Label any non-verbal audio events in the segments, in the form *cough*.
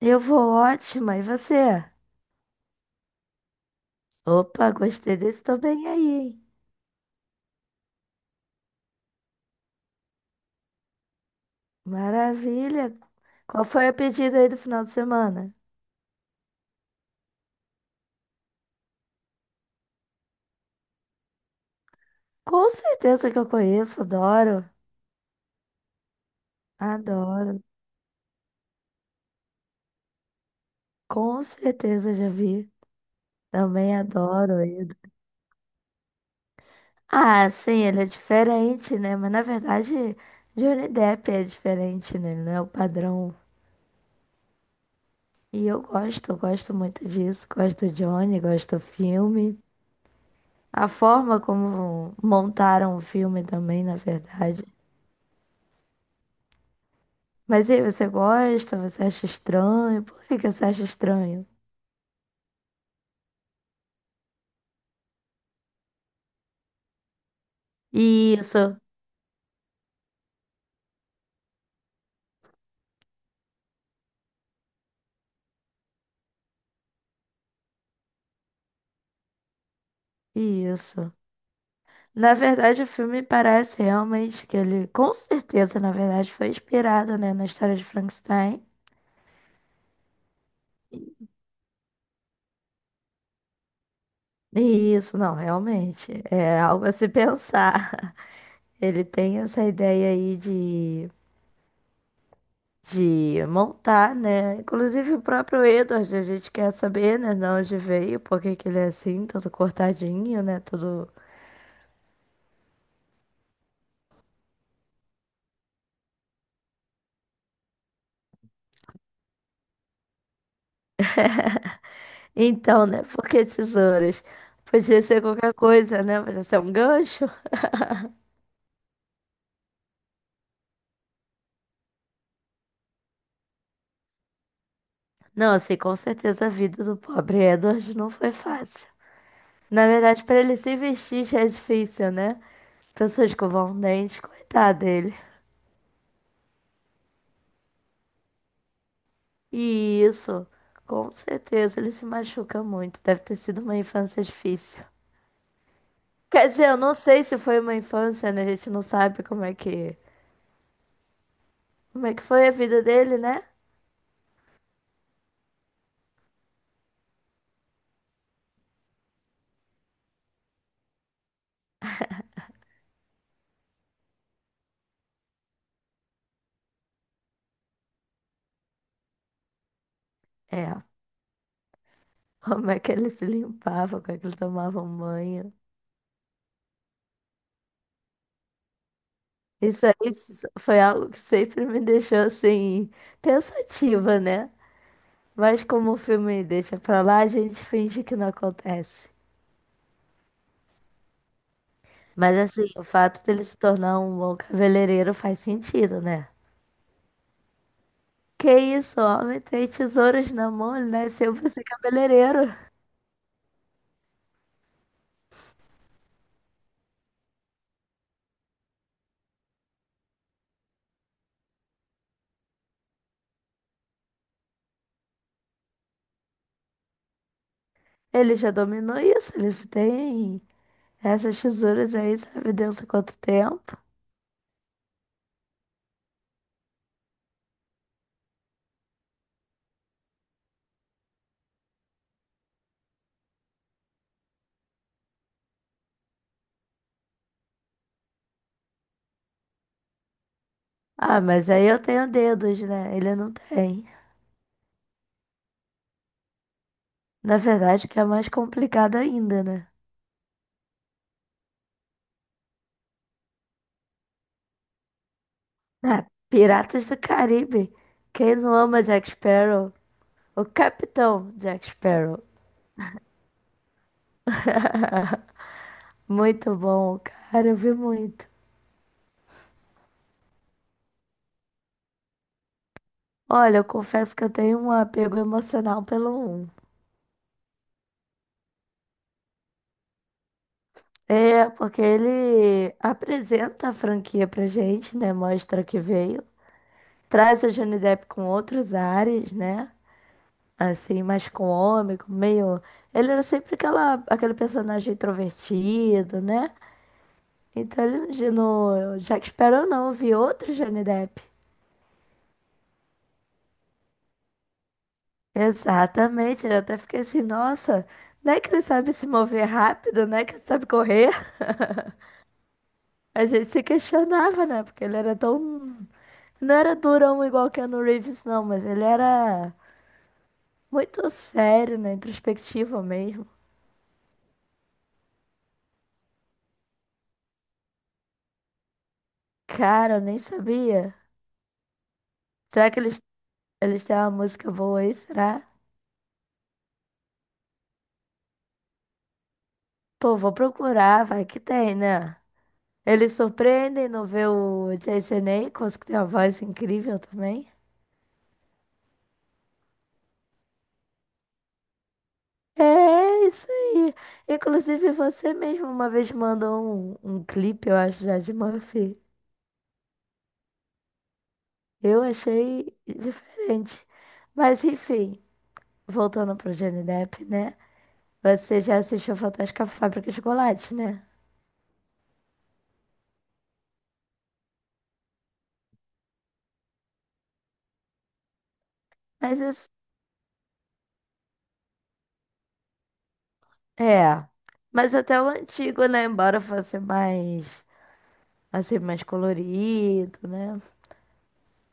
Eu vou ótima, e você? Opa, gostei desse também aí, hein? Maravilha! Qual foi a pedida aí do final de semana? Com certeza que eu conheço, adoro, adoro. Com certeza já vi, também adoro ele. Ah, sim, ele é diferente, né? Mas na verdade, Johnny Depp é diferente, né? Ele não é o padrão. E eu gosto muito disso. Gosto do Johnny, gosto do filme. A forma como montaram o filme também, na verdade. Mas e aí, você gosta? Você acha estranho? Por que que você acha estranho? Isso, isso. Na verdade, o filme parece realmente que ele, com certeza, na verdade, foi inspirado, né, na história de Frankenstein. E isso, não, realmente. É algo a se pensar. *laughs* Ele tem essa ideia aí de montar, né? Inclusive o próprio Edward, a gente quer saber, né, de onde veio, por que que ele é assim, todo cortadinho, né, todo... Então, né, por que tesouras? Podia ser qualquer coisa, né? Podia ser um gancho. Não, assim, com certeza a vida do pobre Edward não foi fácil. Na verdade, para ele se vestir já é difícil, né? Pessoas escovam um dente, coitado dele. E isso, com certeza, ele se machuca muito. Deve ter sido uma infância difícil. Quer dizer, eu não sei se foi uma infância, né? A gente não sabe como é que foi a vida dele, né? É, *laughs* como é que ele se limpava, como é que ele tomava um banho. Foi algo que sempre me deixou assim pensativa, né? Mas como o filme deixa pra lá, a gente finge que não acontece. Mas assim, o fato dele se tornar um bom cabeleireiro faz sentido, né? Que isso, homem tem tesouros na mão, ele nasceu pra ser cabeleireiro. Ele já dominou isso, ele tem essas tesouras aí, sabe Deus há quanto tempo. Ah, mas aí eu tenho dedos, né? Ele não tem. Na verdade, o que é mais complicado ainda, né? Ah, Piratas do Caribe. Quem não ama Jack Sparrow? O Capitão Jack Sparrow. *laughs* Muito bom, cara, eu vi muito. Olha, eu confesso que eu tenho um apego emocional pelo um. É, porque ele apresenta a franquia pra gente, né? Mostra que veio. Traz o Johnny Depp com outros ares, né? Assim, mais cômico, meio. Ele era sempre aquele personagem introvertido, né? Então no Jack Sparrow não, eu vi outro Johnny Depp. Exatamente, eu até fiquei assim, nossa, não é que ele sabe se mover rápido, não é que ele sabe correr. A gente se questionava, né? Porque ele era tão. Não era durão igual Keanu Reeves, não, mas ele era muito sério, né? Introspectivo mesmo. Cara, eu nem sabia. Será que eles têm uma música boa aí? Será? Pô, vou procurar, vai que tem, né? Eles surpreendem no ver o Jason Ackles, que tem uma voz incrível também. É isso aí. Inclusive, você mesmo uma vez mandou um clipe, eu acho, já de Murphy. Eu achei diferente. Mas, enfim, voltando pro Johnny Depp, né? Você já assistiu Fantástica Fábrica de Chocolate, né? Mas É, mas até o antigo, né? Embora fosse mais, assim, mais colorido, né?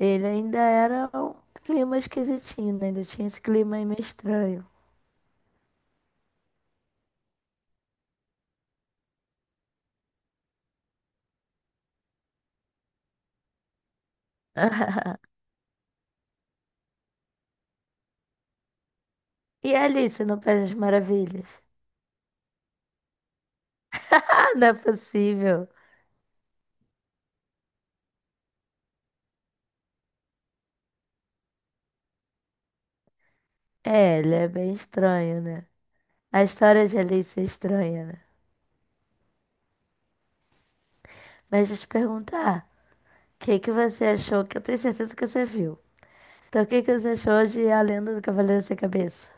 Ele ainda era um clima esquisitinho, né? Ainda tinha esse clima aí meio estranho. *laughs* E Alice no País das Maravilhas? *laughs* Ah, não é possível. É, ele é bem estranho, né? A história de Alice é estranha, né? Mas deixa eu te perguntar, o que que você achou? Que eu tenho certeza que você viu. Então, o que que você achou de A Lenda do Cavaleiro Sem Cabeça?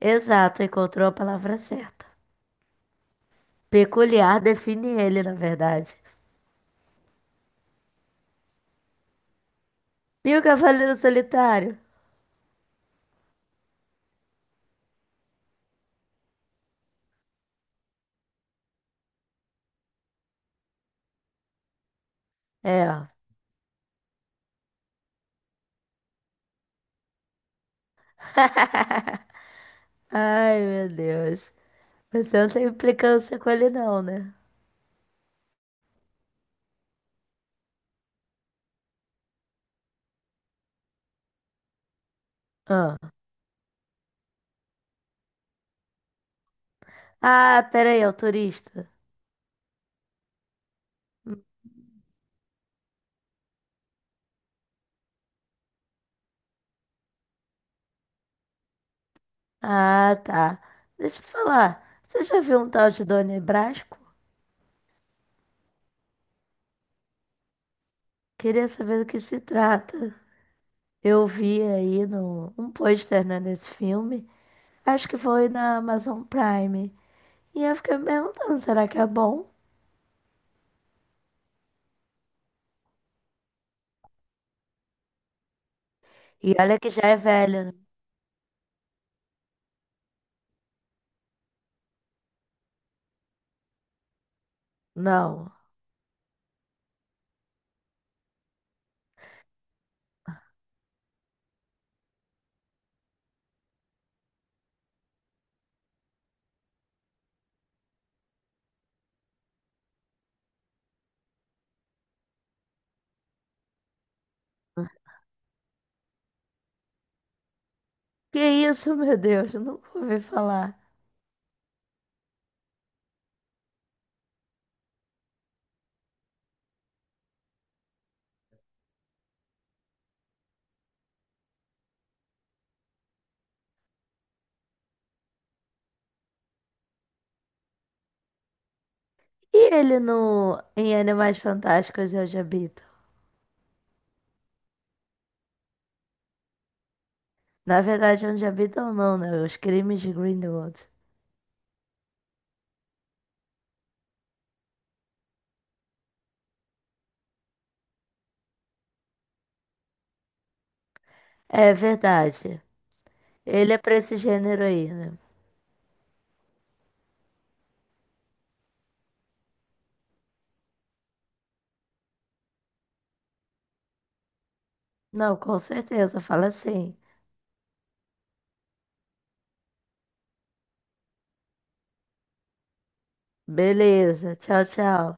Exato, encontrou a palavra certa. Peculiar define ele, na verdade. E o Cavaleiro Solitário? É, ó. *laughs* Ai, meu Deus. Você não tem implicância com ele, não, né? Ah, ah, peraí, é o turista. Ah, tá. Deixa eu falar. Você já viu um tal de Dona Brasco? Queria saber do que se trata. Eu vi aí no, um pôster, né, desse filme. Acho que foi na Amazon Prime. E eu fiquei me perguntando, será que é bom? E olha que já é velho, né? Não. Que isso, meu Deus, eu nunca ouvi falar. E ele no em Animais Fantásticos e Onde Habitam? Na verdade, Onde Habitam não, né? Os Crimes de Grindelwald. É verdade. Ele é pra esse gênero aí, né? Não, com certeza, fala assim. Beleza, tchau, tchau.